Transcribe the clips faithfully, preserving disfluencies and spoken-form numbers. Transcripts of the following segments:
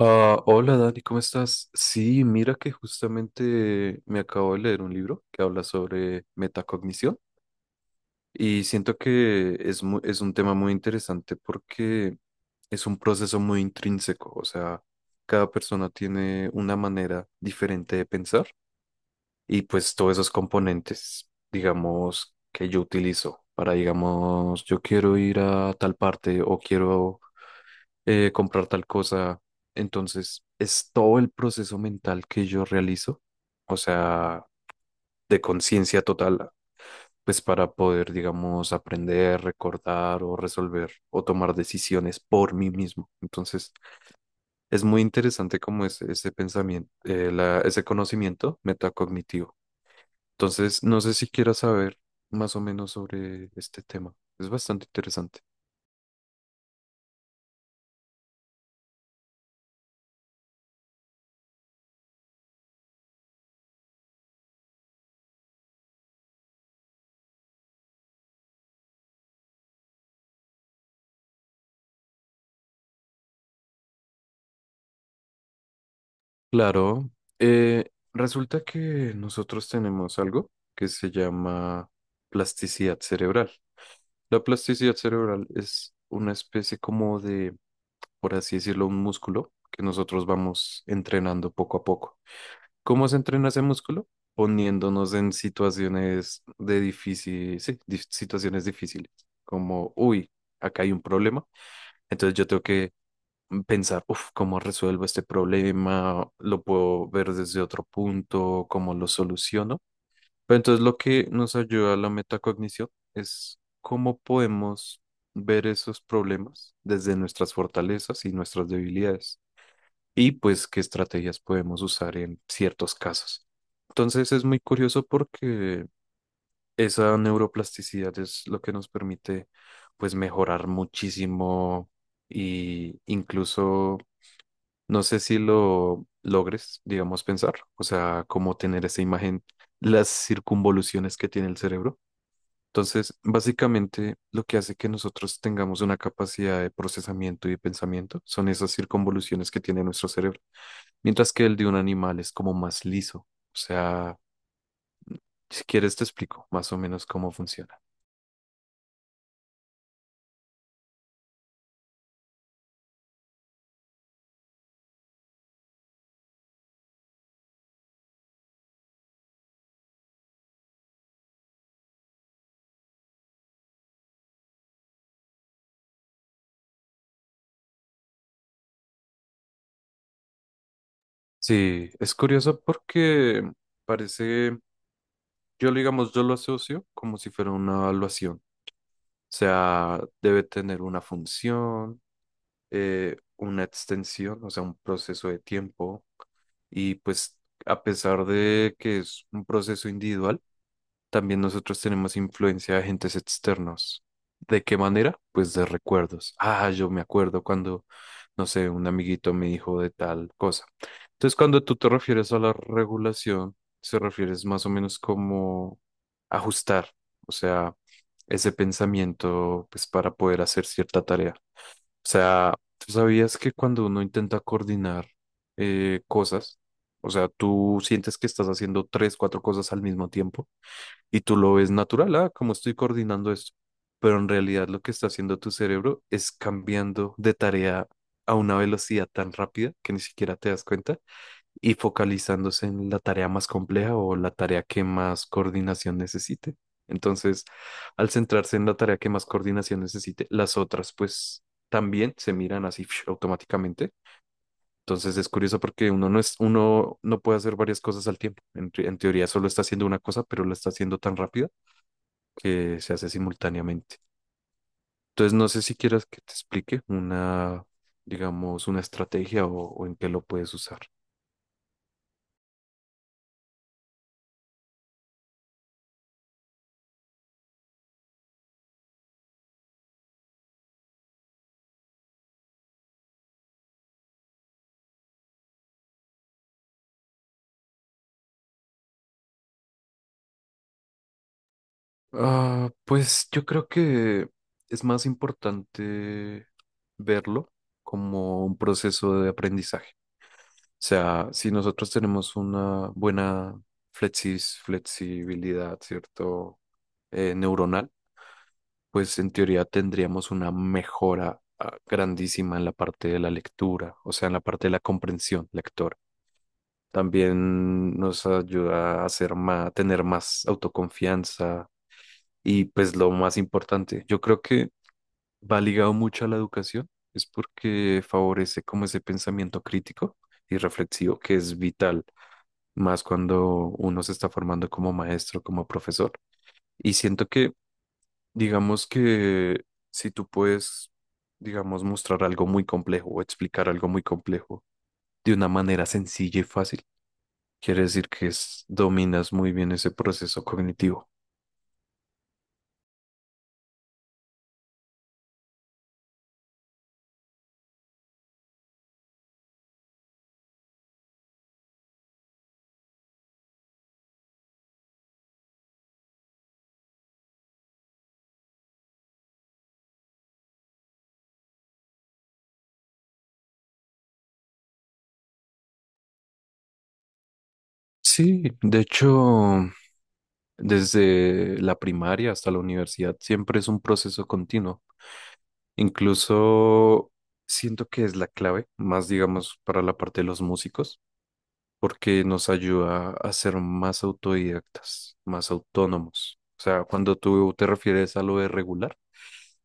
Ah, hola Dani, ¿cómo estás? Sí, mira que justamente me acabo de leer un libro que habla sobre metacognición y siento que es mu- es un tema muy interesante porque es un proceso muy intrínseco, o sea, cada persona tiene una manera diferente de pensar y pues todos esos componentes, digamos, que yo utilizo para, digamos, yo quiero ir a tal parte o quiero eh, comprar tal cosa. Entonces, es todo el proceso mental que yo realizo, o sea, de conciencia total, pues para poder, digamos, aprender, recordar o resolver o tomar decisiones por mí mismo. Entonces, es muy interesante como ese, ese pensamiento, eh, la- ese conocimiento metacognitivo. Entonces, no sé si quieras saber más o menos sobre este tema. Es bastante interesante. Claro. Eh, resulta que nosotros tenemos algo que se llama plasticidad cerebral. La plasticidad cerebral es una especie como de, por así decirlo, un músculo que nosotros vamos entrenando poco a poco. ¿Cómo se entrena ese músculo? Poniéndonos en situaciones de difícil, sí, dif- situaciones difíciles, como, uy, acá hay un problema, entonces yo tengo que mm, pensar, uff, ¿cómo resuelvo este problema? ¿Lo puedo ver desde otro punto? ¿Cómo lo soluciono? Pero entonces lo que nos ayuda la metacognición es cómo podemos ver esos problemas desde nuestras fortalezas y nuestras debilidades y pues qué estrategias podemos usar en ciertos casos. Entonces es muy curioso porque esa neuroplasticidad es lo que nos permite pues mejorar muchísimo y incluso no sé si lo logres, digamos, pensar, o sea, cómo tener esa imagen, las circunvoluciones que tiene el cerebro. Entonces, básicamente, lo que hace que nosotros tengamos una capacidad de procesamiento y de pensamiento son esas circunvoluciones que tiene nuestro cerebro, mientras que el de un animal es como más liso. O sea, si quieres te explico más o menos cómo funciona. Sí, es curioso porque parece, yo lo digamos, yo lo asocio como si fuera una evaluación. O sea, debe tener una función, eh, una extensión, o sea, un proceso de tiempo. Y pues a pesar de que es un proceso individual, también nosotros tenemos influencia de agentes externos. ¿De qué manera? Pues de recuerdos. Ah, yo me acuerdo cuando, no sé, un amiguito me dijo de tal cosa. Entonces, cuando tú te refieres a la regulación, se refieres más o menos como ajustar, o sea, ese pensamiento, pues para poder hacer cierta tarea. O sea, ¿tú sabías que cuando uno intenta coordinar eh, cosas, o sea, tú sientes que estás haciendo tres, cuatro cosas al mismo tiempo? Y tú lo ves natural, ah, cómo estoy coordinando esto. Pero en realidad lo que está haciendo tu cerebro es cambiando de tarea a una velocidad tan rápida que ni siquiera te das cuenta y focalizándose en la tarea más compleja o la tarea que más coordinación necesite. Entonces, al centrarse en la tarea que más coordinación necesite, las otras pues también se miran así automáticamente. Entonces es curioso porque uno no es, uno no puede hacer varias cosas al tiempo. En, te- en teoría solo está haciendo una cosa, pero la está haciendo tan rápida que se hace simultáneamente. Entonces, no sé si quieras que te explique una, digamos, una estrategia o, o en qué lo puedes usar. Ah, pues yo creo que es más importante verlo como un proceso de aprendizaje. O sea, si nosotros tenemos una buena flexis- flexibilidad, ¿cierto? Eh, neuronal, pues en teoría tendríamos una mejora ah, grandísima en la parte de la lectura, o sea, en la parte de la comprensión lectora. También nos ayuda a hacer más, tener más autoconfianza y pues lo más importante, yo creo que va ligado mucho a la educación, es porque favorece como ese pensamiento crítico y reflexivo que es vital, más cuando uno se está formando como maestro, como profesor. Y siento que, digamos que si tú puedes, digamos, mostrar algo muy complejo o explicar algo muy complejo de una manera sencilla y fácil, quiere decir que es- dominas muy bien ese proceso cognitivo. Sí, de hecho, desde la primaria hasta la universidad siempre es un proceso continuo. Incluso siento que es la clave, más digamos para la parte de los músicos porque nos ayuda a ser más autodidactas, más autónomos. O sea, cuando tú te refieres a lo de regular,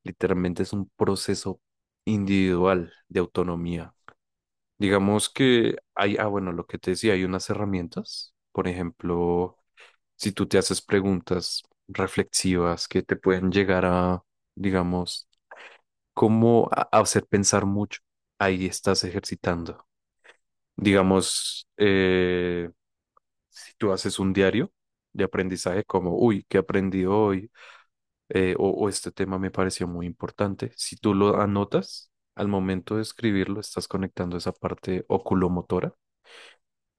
literalmente es un proceso individual de autonomía. Digamos que hay, ah, bueno, lo que te decía, hay unas herramientas, por ejemplo, si tú te haces preguntas reflexivas que te pueden llegar a, digamos, cómo a- a hacer pensar mucho, ahí estás ejercitando. Digamos, eh. Si tú haces un diario de aprendizaje como, uy, ¿qué aprendí hoy? Eh, o, o este tema me pareció muy importante. Si tú lo anotas, al momento de escribirlo, estás conectando esa parte oculomotora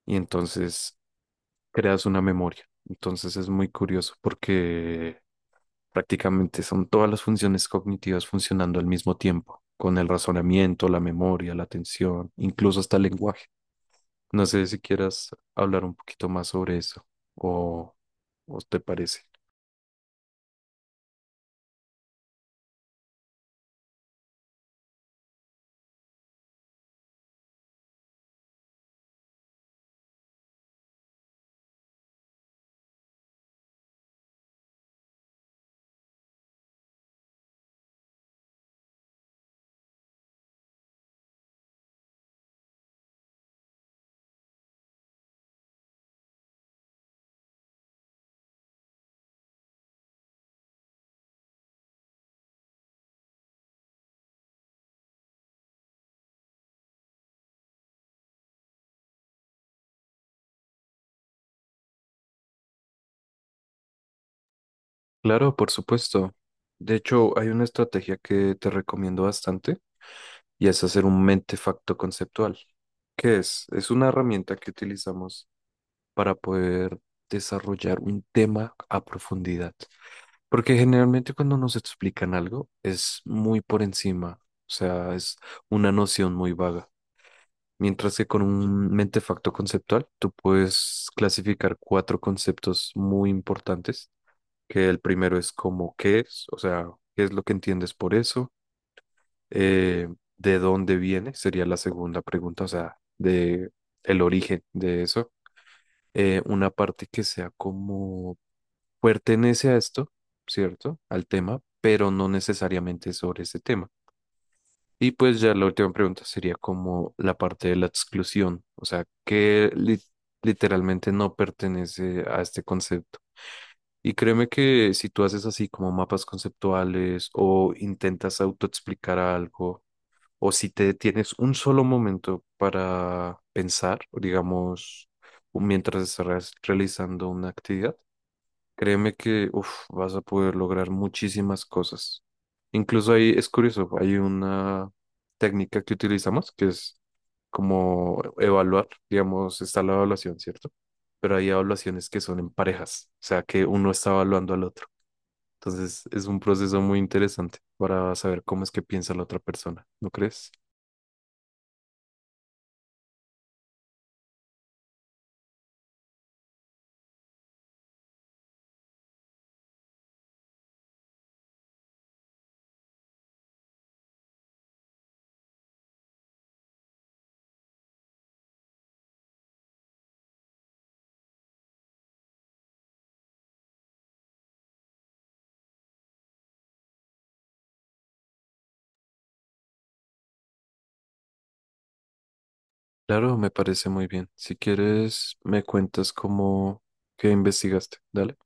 y entonces creas una memoria. Entonces es muy curioso porque prácticamente son todas las funciones cognitivas funcionando al mismo tiempo, con el razonamiento, la memoria, la atención, incluso hasta el lenguaje. No sé si quieras hablar un poquito más sobre eso o, o te parece. Claro, por supuesto. De hecho, hay una estrategia que te recomiendo bastante y es hacer un mentefacto conceptual. ¿Qué es? Es una herramienta que utilizamos para poder desarrollar un tema a profundidad. Porque generalmente cuando nos explican algo es muy por encima, o sea, es una noción muy vaga. Mientras que con un mentefacto conceptual tú puedes clasificar cuatro conceptos muy importantes, que el primero es como qué es, o sea, qué es lo que entiendes por eso. Eh, de dónde viene, sería la segunda pregunta, o sea, de el origen de eso. Eh, una parte que sea como pertenece a esto, ¿cierto? Al tema, pero no necesariamente sobre ese tema. Y pues ya la última pregunta sería como la parte de la exclusión, o sea, que li- literalmente no pertenece a este concepto. Y créeme que si tú haces así como mapas conceptuales o intentas autoexplicar algo, o si te tienes un solo momento para pensar, digamos, mientras estás realizando una actividad, créeme que uf, vas a poder lograr muchísimas cosas. Incluso ahí es curioso, hay una técnica que utilizamos que es como evaluar, digamos, está la evaluación, ¿cierto? Pero hay evaluaciones que son en parejas, o sea, que uno está evaluando al otro. Entonces es un proceso muy interesante para saber cómo es que piensa la otra persona, ¿no crees? Claro, me parece muy bien. Si quieres, me cuentas cómo, qué investigaste. Dale.